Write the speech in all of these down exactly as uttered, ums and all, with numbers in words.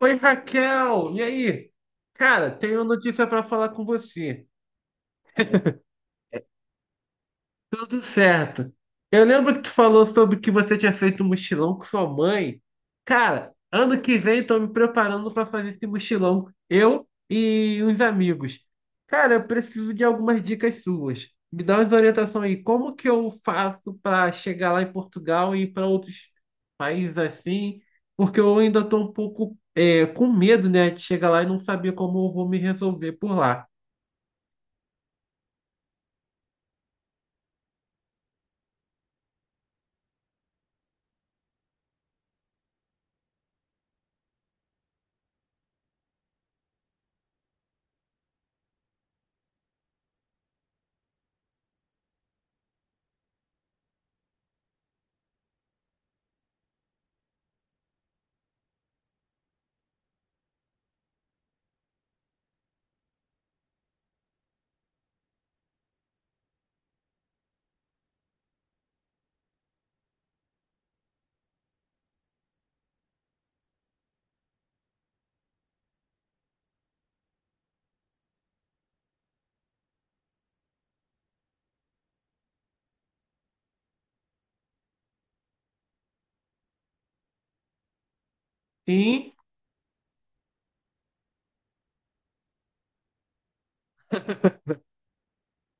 Oi, Raquel, e aí? Cara, tenho notícia para falar com você. Tudo certo. Eu lembro que tu falou sobre que você tinha feito um mochilão com sua mãe. Cara, ano que vem tô me preparando para fazer esse mochilão, eu e uns amigos. Cara, eu preciso de algumas dicas suas. Me dá umas orientações aí. Como que eu faço para chegar lá em Portugal e ir para outros países assim? Porque eu ainda tô um pouco é, com medo, né, de chegar lá e não saber como eu vou me resolver por lá. Sim,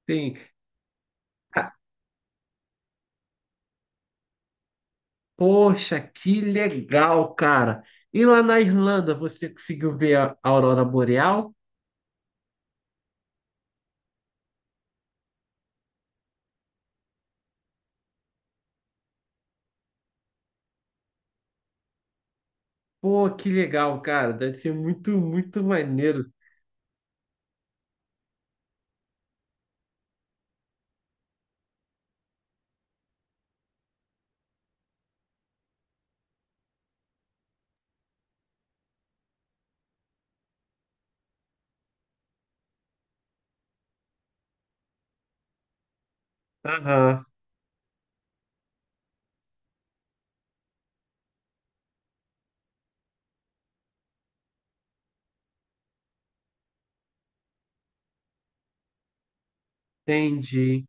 sim. Poxa, que legal, cara. E lá na Irlanda, você conseguiu ver a aurora boreal? Pô, que legal, cara. Deve ser muito, muito maneiro. Aham, entendi.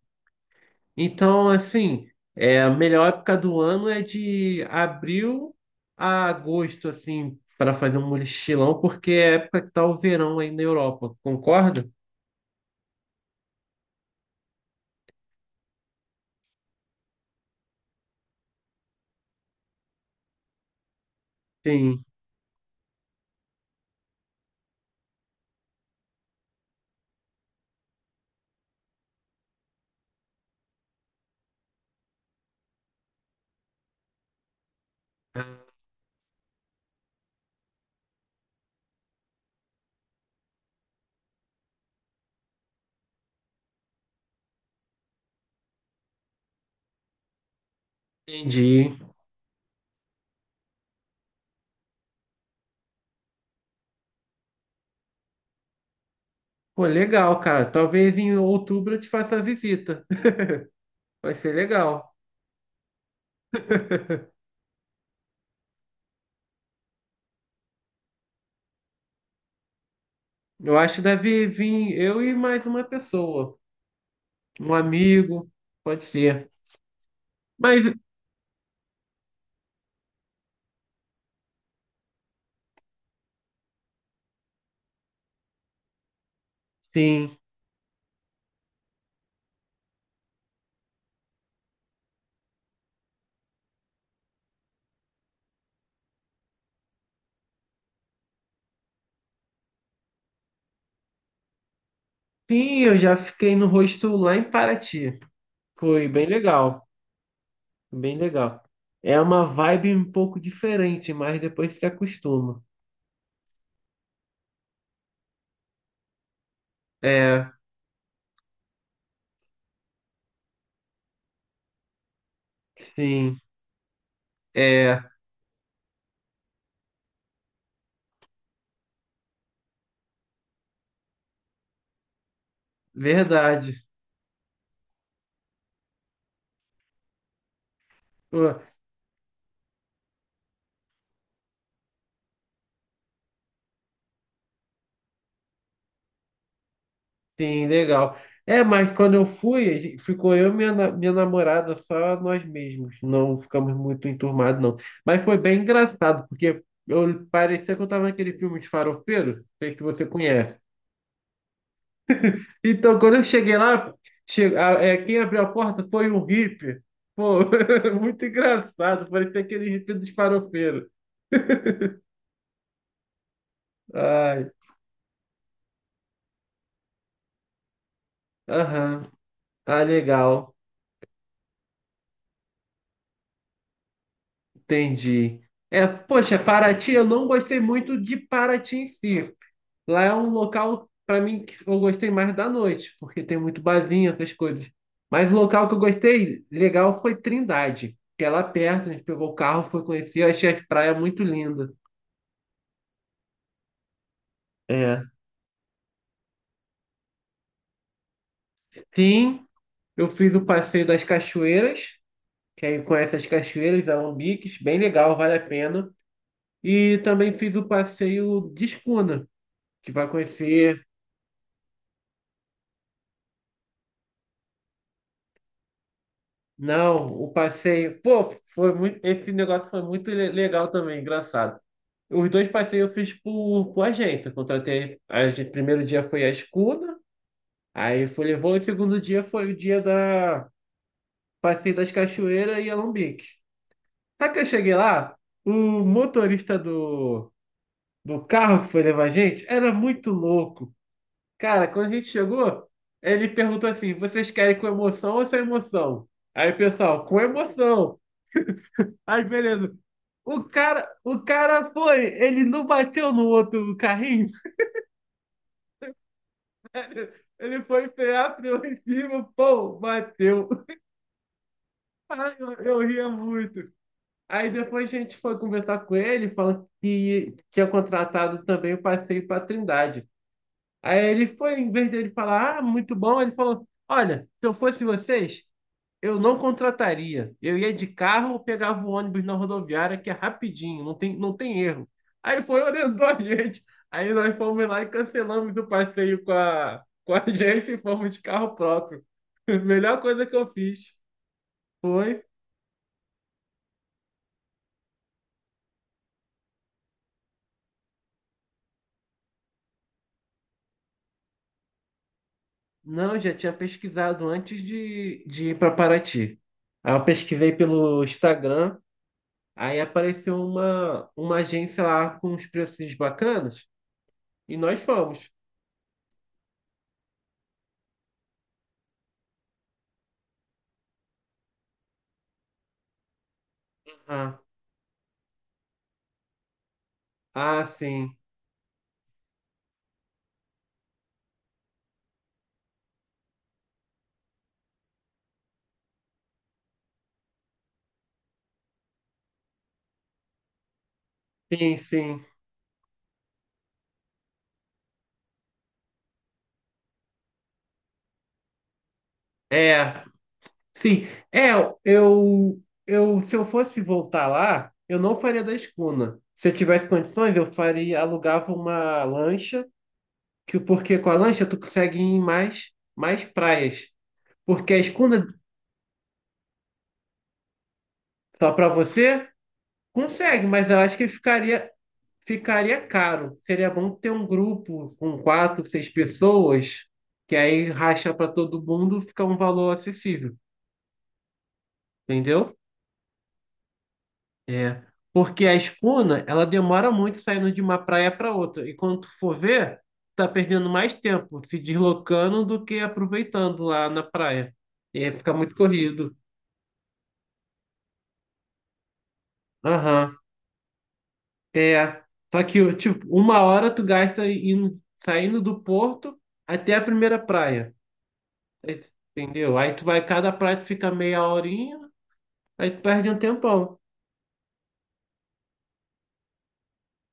Então, assim, é, a melhor época do ano é de abril a agosto, assim, para fazer um mochilão, porque é a época que tá o verão aí na Europa. Concorda? Sim, entendi. Pô, legal, cara. Talvez em outubro eu te faça a visita. Vai ser legal. Eu acho que deve vir eu e mais uma pessoa. Um amigo, pode ser. Mas sim. Sim, eu já fiquei no rosto lá em Paraty. Foi bem legal. Bem legal. É uma vibe um pouco diferente, mas depois se acostuma. É, sim, é verdade. Pô, sim, legal. É, mas quando eu fui, a gente- ficou eu e minha, na- minha namorada, só nós mesmos. Não ficamos muito enturmados, não. Mas foi bem engraçado, porque eu parecia que eu tava naquele filme de farofeiro, sei que você conhece. Então, quando eu cheguei lá, che- a- é, quem abriu a porta foi um hippie. Pô, muito engraçado, parecia aquele hippie dos farofeiros. Ai, aham. Ah, legal. Entendi. É, poxa, Paraty, eu não gostei muito de Paraty em si. Lá é um local, para mim, que eu gostei mais da noite, porque tem muito barzinho, essas coisas. Mas o local que eu gostei legal foi Trindade, que é lá perto, a gente pegou o carro, foi conhecer, eu achei as praias muito lindas. É. Sim, eu fiz o passeio das cachoeiras, que aí conhece as cachoeiras, alambiques, bem legal, vale a pena. E também fiz o passeio de escuna, que vai conhecer. Não, o passeio. Pô, foi muito. Esse negócio foi muito le- legal também, engraçado. Os dois passeios eu fiz por, por agência. Contratei. A gente, primeiro dia foi a escuna, aí foi levou, e o segundo dia foi o dia da passeio das cachoeiras e Alambique. Sabe que eu cheguei lá? O motorista do, do carro que foi levar a gente era muito louco. Cara, quando a gente chegou, ele perguntou assim: vocês querem com emoção ou sem emoção? Aí, pessoal, com emoção. Aí, beleza. O cara, o cara foi, ele não bateu no outro carrinho. Ele foi frear, freou em cima, pô, bateu. Ai, eu, eu ria muito. Aí depois a gente foi conversar com ele, falando que tinha contratado também o passeio para Trindade. Aí ele foi, em vez dele falar, ah, muito bom, ele falou: Olha, se eu fosse vocês, eu não contrataria. Eu ia de carro ou pegava o ônibus na rodoviária, que é rapidinho, não tem, não tem erro. Aí foi orientou a gente. Aí nós fomos lá e cancelamos o passeio com a, com a gente e fomos de carro próprio. Melhor coisa que eu fiz foi. Não, já tinha pesquisado antes de, de ir para Paraty. Aí eu pesquisei pelo Instagram, aí apareceu uma, uma agência lá com uns preços bacanas e nós fomos. Ah, ah, sim. Sim, sim. É, sim. É, eu, eu, se eu fosse voltar lá, eu não faria da escuna. Se eu tivesse condições, eu faria, alugava uma lancha, que porque com a lancha tu consegue ir em mais, mais praias. Porque a escuna só para você consegue, mas eu acho que ficaria, ficaria caro. Seria bom ter um grupo com quatro, seis pessoas, que aí racha para todo mundo, fica um valor acessível, entendeu? É, porque a espuna, ela demora muito saindo de uma praia para outra. E quando tu for ver, tá perdendo mais tempo se deslocando do que aproveitando lá na praia. É, fica muito corrido. Aham. É. Só que, tipo, uma hora tu gasta indo, saindo do porto até a primeira praia. Aí entendeu? Aí tu vai, cada praia tu fica meia horinha, aí tu perde um tempão.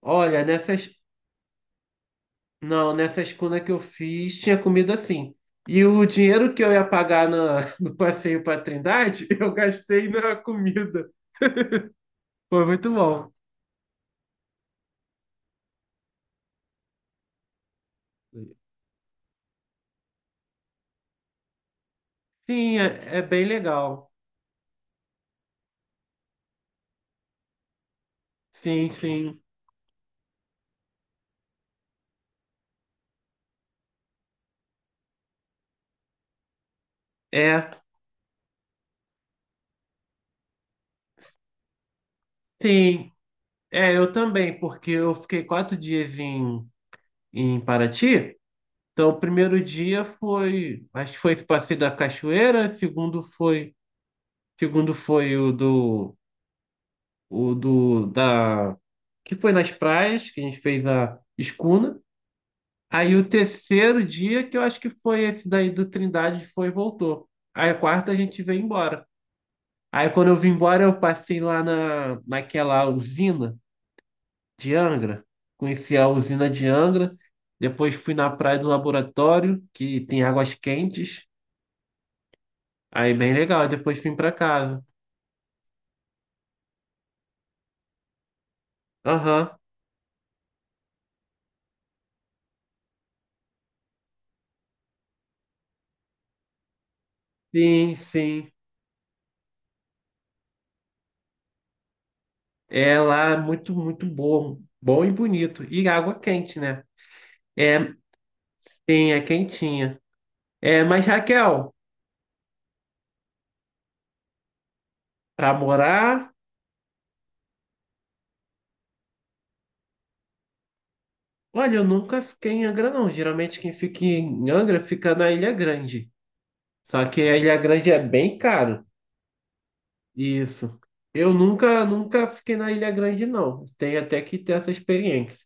Olha, nessas não, nessa escuna que eu fiz, tinha comida assim. E o dinheiro que eu ia pagar na- no passeio para Trindade, eu gastei na comida. Foi muito bom. Sim, é, é bem legal. Sim, sim. É, sim. É, eu também, porque eu fiquei quatro dias em, em Paraty. Então, o primeiro dia foi, acho que foi esse passeio da cachoeira, segundo foi, segundo foi o do o do da que foi nas praias que a gente fez a escuna. Aí o terceiro dia que eu acho que foi esse daí do Trindade foi e voltou. Aí a quarta a gente veio embora. Aí quando eu vim embora eu passei lá na naquela usina de Angra, conheci a usina de Angra, depois fui na praia do laboratório que tem águas quentes. Aí bem legal, depois vim para casa. Aham. Sim, sim. É lá muito, muito bom. Bom e bonito. E água quente, né? É, sim, é quentinha. É, mas Raquel, pra morar. Olha, eu nunca fiquei em Angra, não. Geralmente quem fica em Angra fica na Ilha Grande. Só que a Ilha Grande é bem caro. Isso. Eu nunca, nunca fiquei na Ilha Grande, não. Tenho até que ter essa experiência.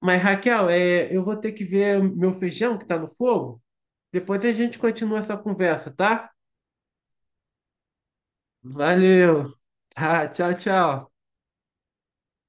Mas, Raquel, é, eu vou ter que ver meu feijão que tá no fogo. Depois a gente continua essa conversa, tá? Valeu. Tá, tchau, tchau.